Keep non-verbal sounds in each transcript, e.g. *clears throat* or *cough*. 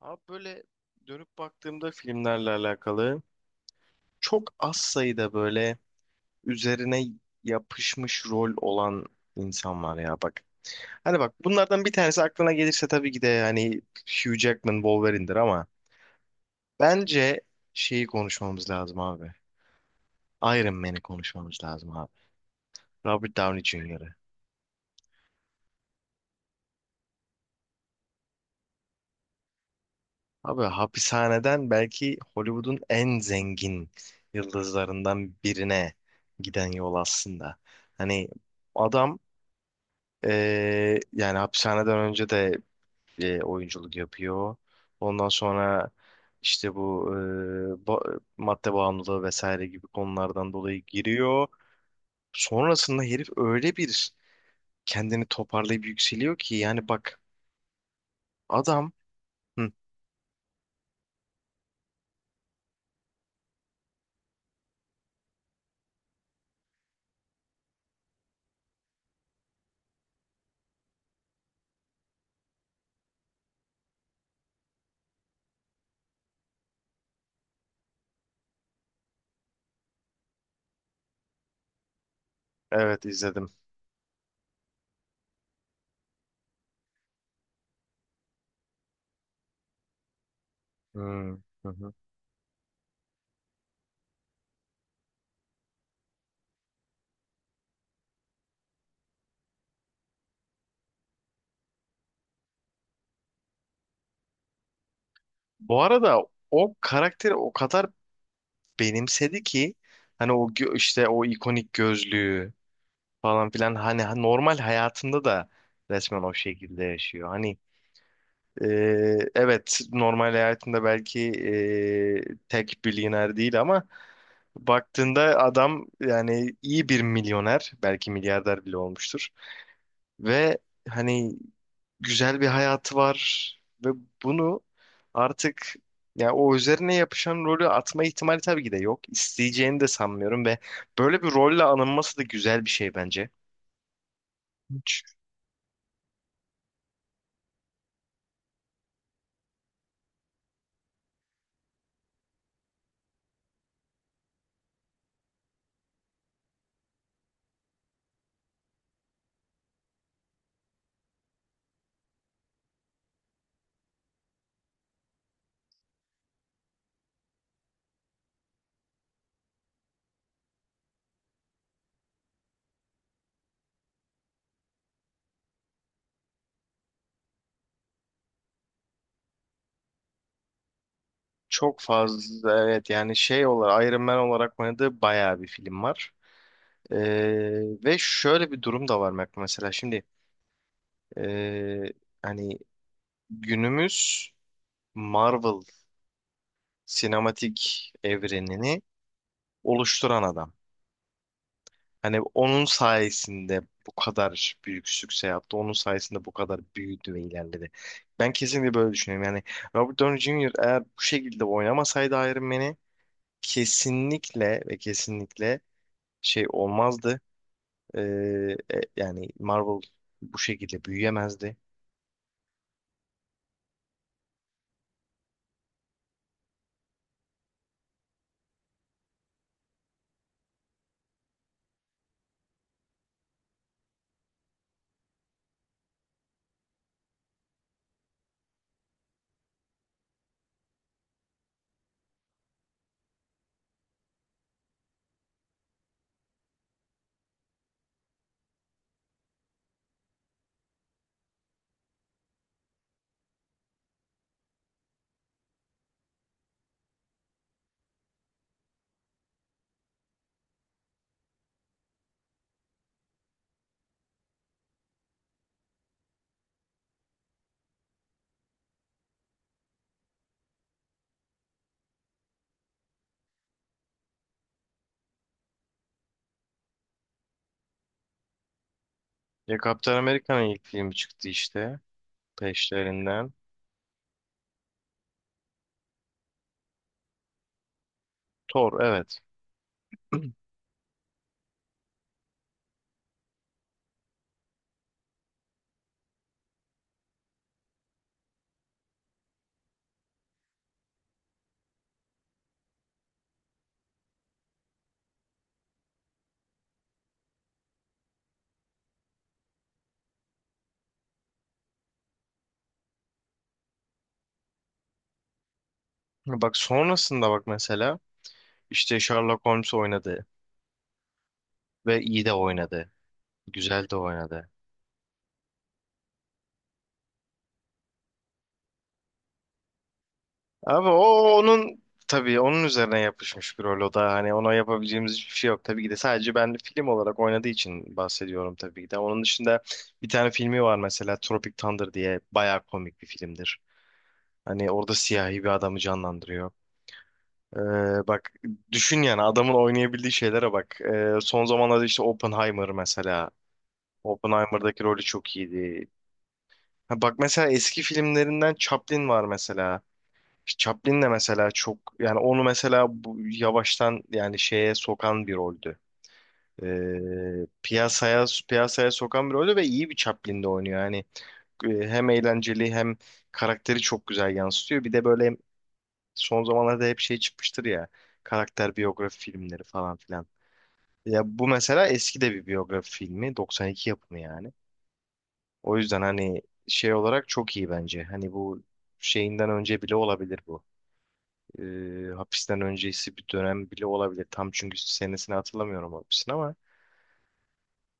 Abi böyle dönüp baktığımda filmlerle alakalı çok az sayıda böyle üzerine yapışmış rol olan insan var ya bak. Hani bak bunlardan bir tanesi aklına gelirse tabii ki de yani Hugh Jackman Wolverine'dir ama bence şeyi konuşmamız lazım abi. Iron Man'i konuşmamız lazım abi. Robert Downey Jr.'ı. Abi hapishaneden belki Hollywood'un en zengin yıldızlarından birine giden yol aslında. Hani adam yani hapishaneden önce de oyunculuk yapıyor. Ondan sonra işte bu madde bağımlılığı vesaire gibi konulardan dolayı giriyor. Sonrasında herif öyle bir kendini toparlayıp yükseliyor ki yani bak adam. Hı, evet izledim. Hmm, hı hı. Bu arada o karakteri o kadar benimsedi ki hani o işte o ikonik gözlüğü falan filan hani normal hayatında da resmen o şekilde yaşıyor. Hani e, evet normal hayatında belki tek milyoner değil ama baktığında adam yani iyi bir milyoner belki milyarder bile olmuştur ve hani güzel bir hayatı var ve bunu artık yani o üzerine yapışan rolü atma ihtimali tabii ki de yok. İsteyeceğini de sanmıyorum ve böyle bir rolle anılması da güzel bir şey bence. Çok fazla evet yani şey olarak Iron Man olarak oynadığı bayağı bir film var. Ve şöyle bir durum da var Mac, mesela şimdi ee, hani günümüz Marvel sinematik evrenini oluşturan adam. Hani onun sayesinde bu kadar büyük sükse yaptı. Onun sayesinde bu kadar büyüdü ve ilerledi. Ben kesinlikle böyle düşünüyorum. Yani Robert Downey Jr. eğer bu şekilde oynamasaydı Iron Man'i kesinlikle ve kesinlikle şey olmazdı. Ee, yani Marvel bu şekilde büyüyemezdi. Ya Kaptan Amerika'nın ilk filmi çıktı işte peşlerinden. Thor evet. *clears throat* Bak sonrasında bak mesela işte Sherlock Holmes oynadı ve iyi de oynadı. Güzel de oynadı. Abi o onun tabii onun üzerine yapışmış bir rol o da hani ona yapabileceğimiz hiçbir şey yok. Tabii ki de sadece ben film olarak oynadığı için bahsediyorum tabii ki de. Onun dışında bir tane filmi var mesela Tropic Thunder diye bayağı komik bir filmdir. Hani orada siyahi bir adamı canlandırıyor. Bak düşün yani adamın oynayabildiği şeylere bak. Son zamanlarda işte Oppenheimer mesela. Oppenheimer'daki rolü çok iyiydi. Ha, bak mesela eski filmlerinden Chaplin var mesela. İşte Chaplin de mesela çok yani onu mesela bu, yavaştan yani şeye sokan bir roldü. Piyasaya piyasaya sokan bir roldü ve iyi bir Chaplin'de oynuyor. Yani hem eğlenceli hem karakteri çok güzel yansıtıyor. Bir de böyle son zamanlarda hep şey çıkmıştır ya. Karakter biyografi filmleri falan filan. Ya bu mesela eski de bir biyografi filmi. 92 yapımı yani. O yüzden hani şey olarak çok iyi bence. Hani bu şeyinden önce bile olabilir bu. Hapisten öncesi bir dönem bile olabilir. Tam çünkü senesini hatırlamıyorum hapisin ama.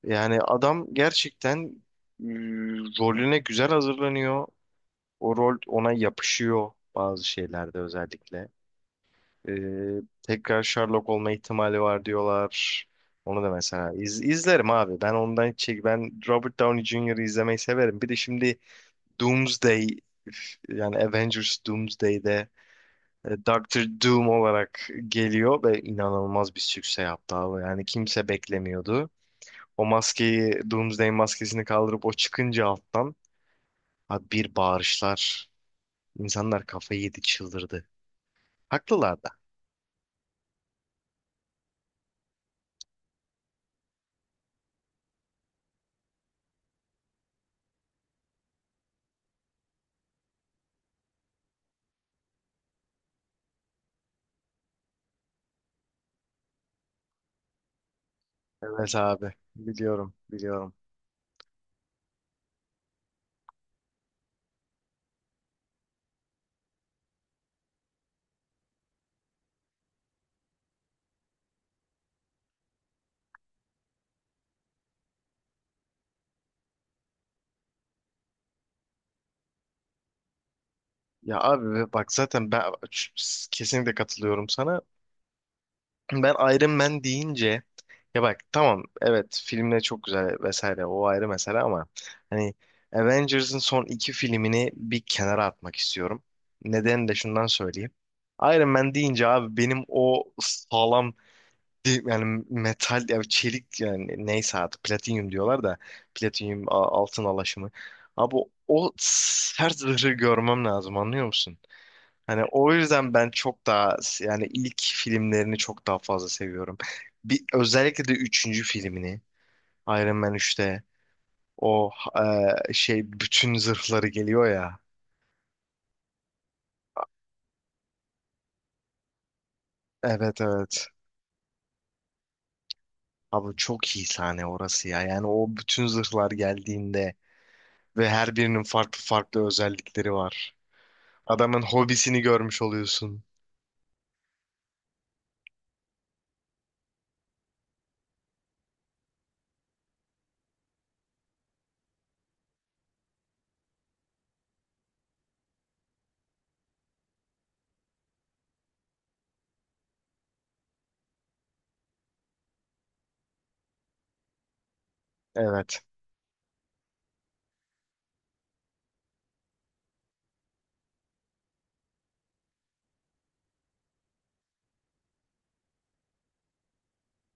Yani adam gerçekten e, rolüne güzel hazırlanıyor. O rol ona yapışıyor bazı şeylerde özellikle. Ee, tekrar Sherlock olma ihtimali var diyorlar. Onu da mesela izlerim abi. Ben ondan hiç çek ben Robert Downey Jr.'ı izlemeyi severim. Bir de şimdi Doomsday yani Avengers Doomsday'de Doctor Doom olarak geliyor ve inanılmaz bir sükse yaptı abi. Yani kimse beklemiyordu. O maskeyi Doomsday maskesini kaldırıp o çıkınca alttan abi bir bağırışlar. İnsanlar kafayı yedi çıldırdı. Haklılar da. Evet abi biliyorum biliyorum. Ya abi bak zaten ben kesinlikle katılıyorum sana. Ben Iron Man deyince ya bak tamam evet filmler çok güzel vesaire o ayrı mesele ama hani Avengers'ın son iki filmini bir kenara atmak istiyorum. Neden de şundan söyleyeyim. Iron Man deyince abi benim o sağlam yani metal ya çelik yani neyse artık platinyum diyorlar da platinyum altın alaşımı. Abi o sert zırhı görmem lazım, anlıyor musun? Hani o yüzden ben çok daha yani ilk filmlerini çok daha fazla seviyorum. Bir, özellikle de üçüncü filmini Iron Man 3'te o şey bütün zırhları geliyor ya. Evet evet. Abi çok iyi sahne orası ya. Yani o bütün zırhlar geldiğinde ve her birinin farklı farklı özellikleri var. Adamın hobisini görmüş oluyorsun. Evet.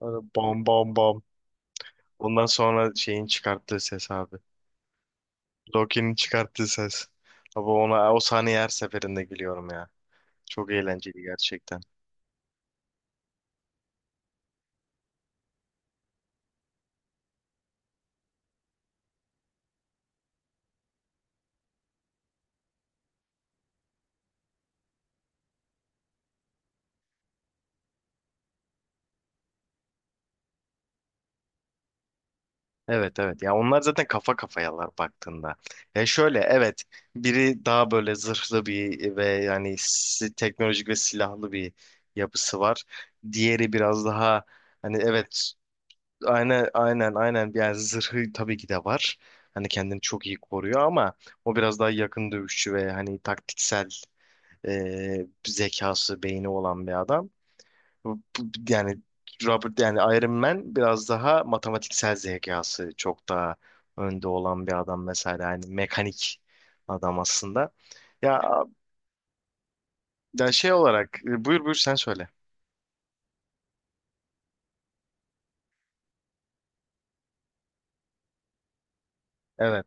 Böyle bam bam bam. Ondan sonra şeyin çıkarttığı ses abi. Loki'nin çıkarttığı ses. Abi ona o sahneye her seferinde gülüyorum ya. Çok eğlenceli gerçekten. Evet evet ya onlar zaten kafa kafayalar baktığında. Ya şöyle evet biri daha böyle zırhlı bir ve yani teknolojik ve silahlı bir yapısı var. Diğeri biraz daha hani evet aynen aynen aynen yani zırhı tabii ki de var. Hani kendini çok iyi koruyor ama o biraz daha yakın dövüşçü ve hani taktiksel zekası, beyni olan bir adam. Yani Robert yani Iron Man biraz daha matematiksel zekası çok daha önde olan bir adam mesela yani mekanik adam aslında. Ya, ya şey olarak buyur buyur sen söyle. Evet.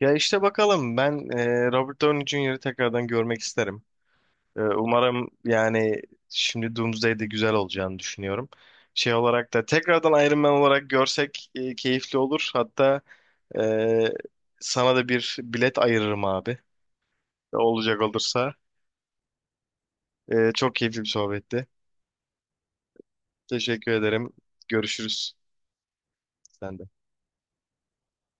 Ya işte bakalım ben Robert Downey Jr.'ı tekrardan görmek isterim. Umarım yani şimdi Doomsday'de güzel olacağını düşünüyorum. Şey olarak da tekrardan Iron Man olarak görsek keyifli olur. Hatta e, sana da bir bilet ayırırım abi. Olacak olursa. Çok keyifli bir sohbetti. Teşekkür ederim. Görüşürüz. Sen de.